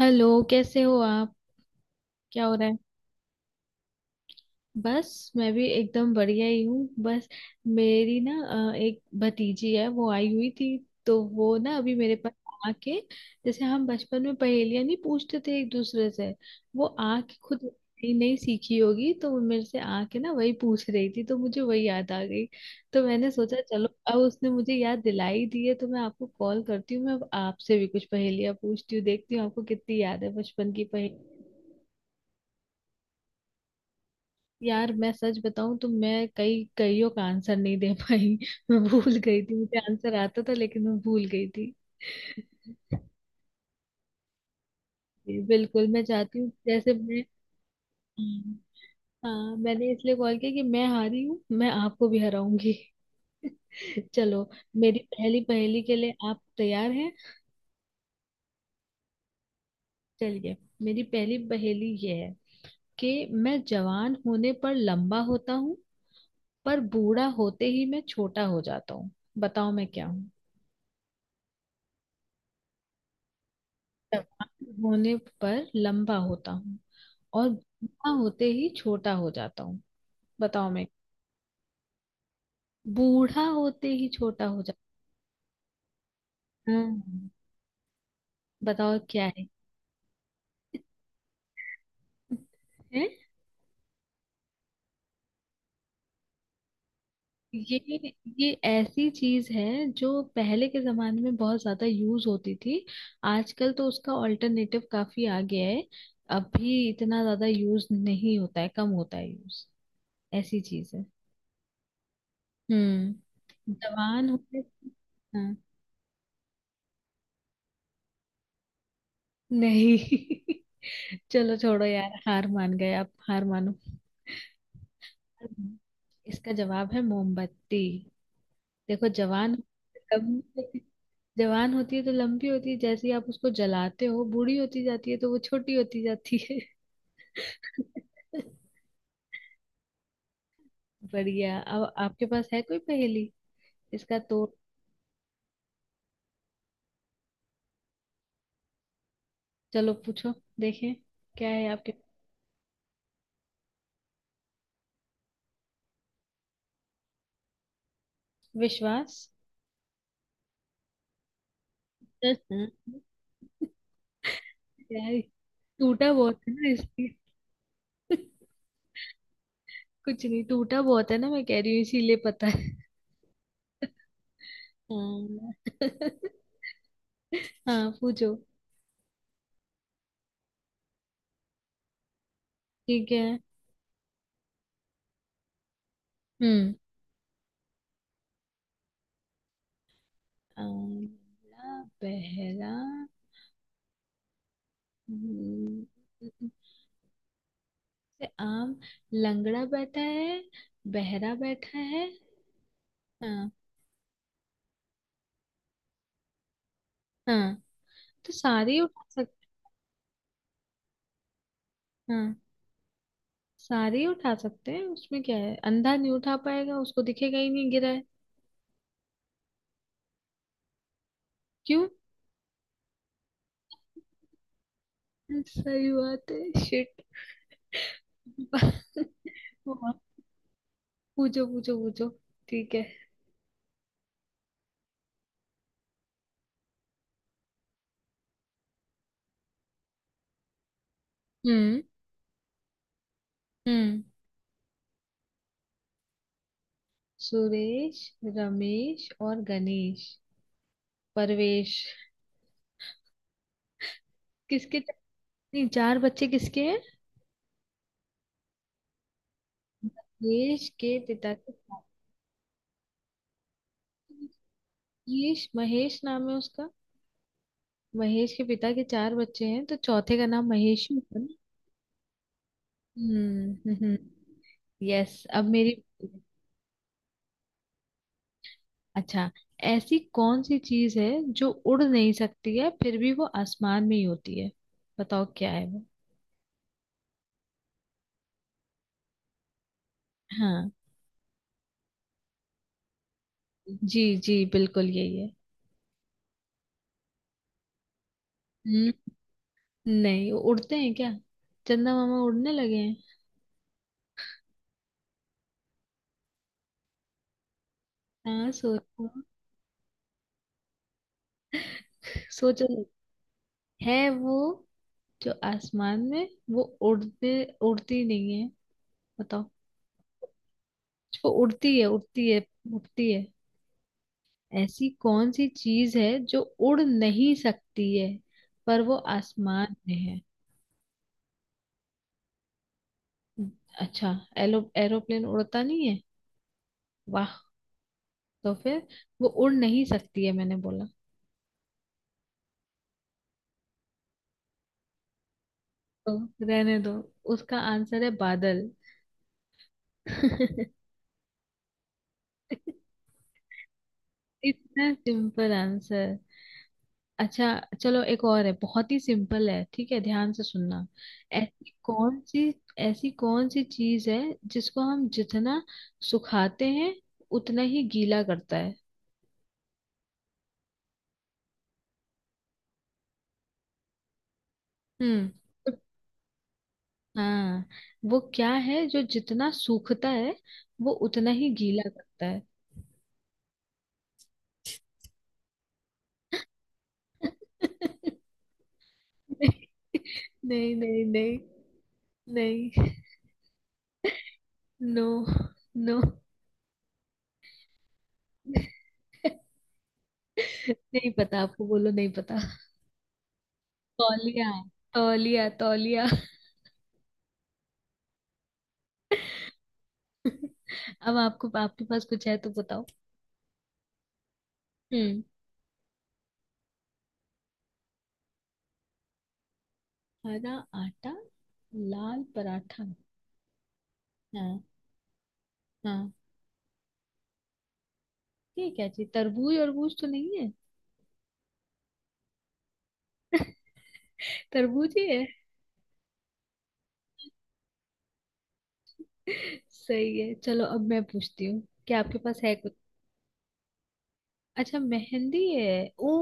Hello, कैसे हो आप। क्या हो रहा है। बस मैं भी एकदम बढ़िया ही हूँ। बस मेरी ना एक भतीजी है, वो आई हुई थी। तो वो ना अभी मेरे पास आके, जैसे हम बचपन में पहेलियां नहीं पूछते थे एक दूसरे से, वो आके खुद नई नई सीखी होगी तो वो मेरे से आके ना वही पूछ रही थी, तो मुझे वही याद आ गई। तो मैंने सोचा चलो, अब उसने मुझे याद दिलाई दी है तो मैं आपको कॉल करती हूँ, मैं अब आपसे भी कुछ पहेलियां पूछती हूँ, देखती हूँ आपको कितनी याद है बचपन की। यार मैं सच बताऊं तो मैं कई कईयों का आंसर नहीं दे पाई। मैं भूल गई थी, मुझे आंसर आता था लेकिन मैं भूल गई थी। जी, बिल्कुल मैं चाहती हूँ, जैसे मैं हम्म, हाँ, मैंने इसलिए कॉल किया कि मैं हारी हूँ, मैं आपको भी हराऊंगी। चलो, मेरी पहली पहेली के लिए आप तैयार हैं। चलिए, मेरी पहली पहेली ये है कि मैं जवान होने पर लंबा होता हूँ, पर बूढ़ा होते ही मैं छोटा हो जाता हूँ। बताओ मैं क्या हूँ। जवान होने पर लंबा होता हूँ और बूढ़ा होते ही छोटा हो जाता हूँ। बताओ मैं। बूढ़ा होते ही छोटा हो जाता हूँ। हाँ, बताओ क्या है। हैं? ये ये ऐसी चीज है जो पहले के जमाने में बहुत ज्यादा यूज होती थी। आजकल तो उसका ऑल्टरनेटिव काफी आ गया है। अब भी इतना ज्यादा यूज नहीं होता है, कम होता है यूज। ऐसी चीज है। हम्म। जवान होते। हाँ। नहीं। चलो छोड़ो यार, हार मान गए आप, हार मानो। इसका जवाब है मोमबत्ती। देखो, जवान, लंबी, जवान होती है तो लंबी होती है, जैसे ही आप उसको जलाते हो बूढ़ी होती जाती है तो वो छोटी होती जाती है। बढ़िया। अब आपके पास है कोई पहेली। इसका तो, चलो पूछो, देखें क्या है आपके पास। विश्वास। यार टूटा बहुत है ना, इसलिए। कुछ नहीं, टूटा बहुत है ना, मैं कह रही हूँ इसीलिए, पता है। हाँ। हाँ पूछो। ठीक है। हम्म। आंवला, बहरा। हम्म, से आम। लंगड़ा बैठा है, बहरा बैठा है। हाँ। हाँ, तो सारे ही उठा सकते। हाँ, सारे ही उठा सकते हैं, उसमें क्या है। अंधा नहीं उठा पाएगा, उसको दिखेगा ही नहीं गिरा है। क्यों। सही बात है, शिट। पूछो पूछो पूछो। ठीक है। हम्म। हम्म। सुरेश, रमेश और गणेश। परवेश। किसके। नहीं, चार बच्चे किसके हैं। महेश के पिता के साथ। महेश, महेश नाम है उसका। महेश के पिता के चार बच्चे हैं तो चौथे का नाम महेश ही होगा ना। हम्म। यस। अब मेरी, अच्छा, ऐसी कौन सी चीज है जो उड़ नहीं सकती है फिर भी वो आसमान में ही होती है। बताओ क्या है वो। हाँ। जी जी बिल्कुल यही है। नहीं उड़ते हैं क्या। चंदा मामा उड़ने लगे हैं। हाँ सोचो। सोचो। है वो, जो आसमान में, वो उड़ते, उड़ती नहीं है। बताओ। जो उड़ती है उड़ती है, उड़ती है। ऐसी कौन सी चीज है जो उड़ नहीं सकती है पर वो आसमान में है। अच्छा, एलो, एरोप्लेन उड़ता नहीं है। वाह। तो फिर, वो उड़ नहीं सकती है मैंने बोला। तो रहने दो, उसका आंसर है बादल। इतना सिंपल आंसर। अच्छा, चलो एक और है, बहुत ही सिंपल है, ठीक है, ध्यान से सुनना। ऐसी कौन सी ऐसी कौन सी चीज है जिसको हम जितना सुखाते हैं उतना ही गीला करता है। हम्म। तो- हाँ, वो क्या है जो जितना सूखता है वो उतना ही गीला करता है। नहीं, नहीं। नो। नो। नहीं पता आपको, बोलो नहीं पता। तौलिया, तौलिया, तौलिया। अब आपको, आपके पास कुछ है तो बताओ। हम्म। हरा आटा, लाल पराठा। हाँ। हाँ। ये क्या चीज, तरबूज अरबूज तो नहीं है। तरबूज ही है। सही है। चलो अब मैं पूछती हूँ। क्या आपके पास है कुछ। अच्छा मेहंदी है। ओ।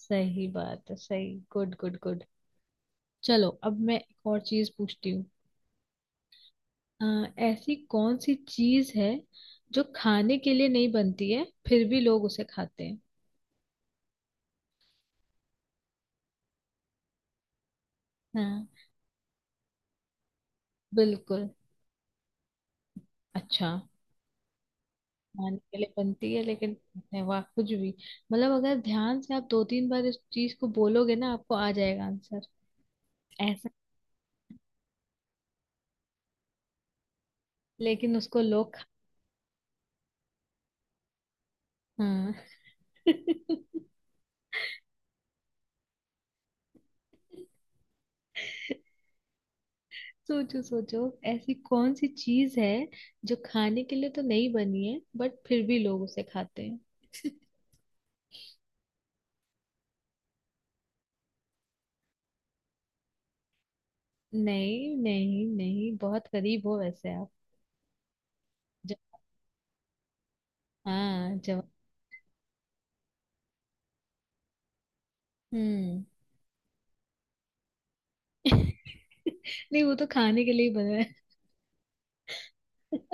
सही बात है, सही, गुड गुड गुड। चलो अब मैं एक और चीज पूछती हूँ। ऐसी कौन सी चीज है जो खाने के लिए नहीं बनती है फिर भी लोग उसे खाते हैं। हाँ। बिल्कुल। अच्छा, खाने के लिए बनती है लेकिन कहते हैं, वाह कुछ भी। मतलब अगर ध्यान से आप दो तीन बार इस चीज को बोलोगे ना, आपको आ जाएगा आंसर ऐसा। लेकिन उसको लोग खा-। हाँ। सोचो सोचो। ऐसी कौन सी चीज है जो खाने के लिए तो नहीं बनी है बट फिर भी लोग उसे खाते हैं। नहीं नहीं नहीं बहुत करीब हो वैसे आप। ज- हाँ जवाब। हम्म। नहीं, वो तो खाने के लिए ही बना है।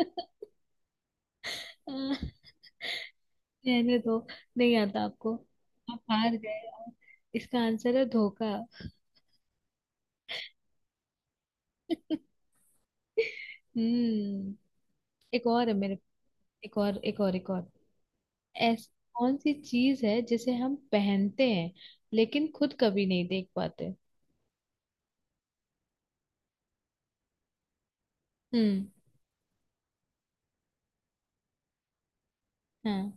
हाँ, रहने दो, नहीं आता आपको। आप हार गए और, इसका आंसर है धोखा। हम्म। एक और है मेरे। एक और, ऐसी कौन सी चीज है जिसे हम पहनते हैं लेकिन खुद कभी नहीं देख पाते। हम्म। हाँ।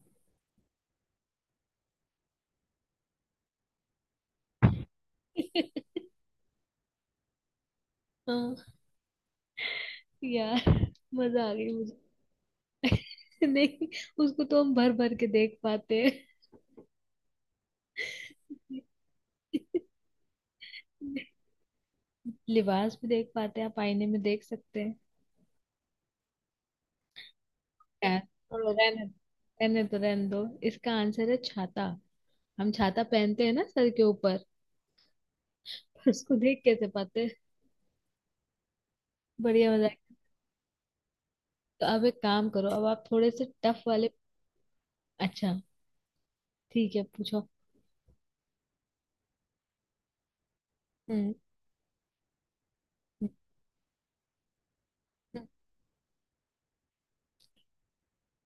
हाँ यार मजा आ गई मुझे। नहीं, उसको तो हम भर भर के देख पाते हैं। लिबास भी देख पाते हैं आप, आईने में देख सकते हैं। क्या है। और रहने, रहने दो, इसका आंसर है छाता। हम छाता पहनते हैं ना सर के ऊपर। पर उसको देख कैसे पाते हैं? बढ़िया मजा। तो अब एक काम करो, अब आप थोड़े से टफ वाले। अच्छा, ठीक है पूछो। हम्म।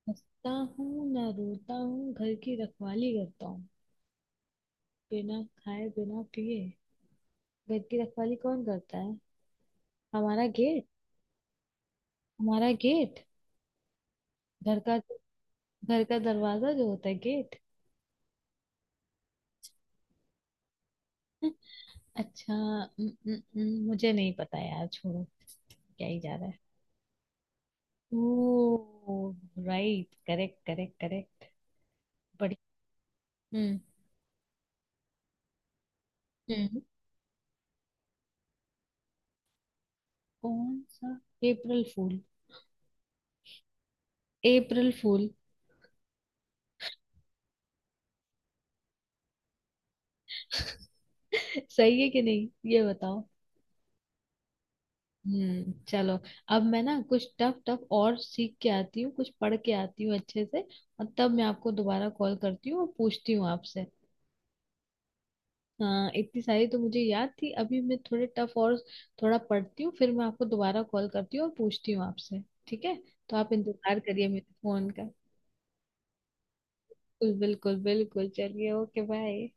हंसता हूँ ना रोता हूँ, घर की रखवाली करता हूँ। बिना खाए बिना पिए घर की रखवाली कौन करता है। हमारा गेट। हमारा गेट, घर का, घर का दरवाजा जो होता है, गेट। अच्छा न, न, न, मुझे नहीं पता यार, छोड़ो, क्या ही जा रहा है। Oh, right, correct correct correct बड़ी। हम्म हम्म। कौन सा। अप्रैल फूल। अप्रैल फूल। सही है कि नहीं, ये बताओ। चलो। अब मैं ना कुछ टफ टफ और सीख के आती हूँ, कुछ पढ़ के आती हूँ अच्छे से, और तब मैं आपको दोबारा कॉल करती हूँ और पूछती हूँ आपसे। हाँ इतनी सारी तो मुझे याद थी। अभी मैं थोड़े टफ और थोड़ा पढ़ती हूँ, फिर मैं आपको दोबारा कॉल करती हूँ और पूछती हूँ आपसे। ठीक है, तो आप इंतजार करिए मेरे फोन का। बिल्कुल बिल्कुल बिल्कुल, चलिए ओके, बाय।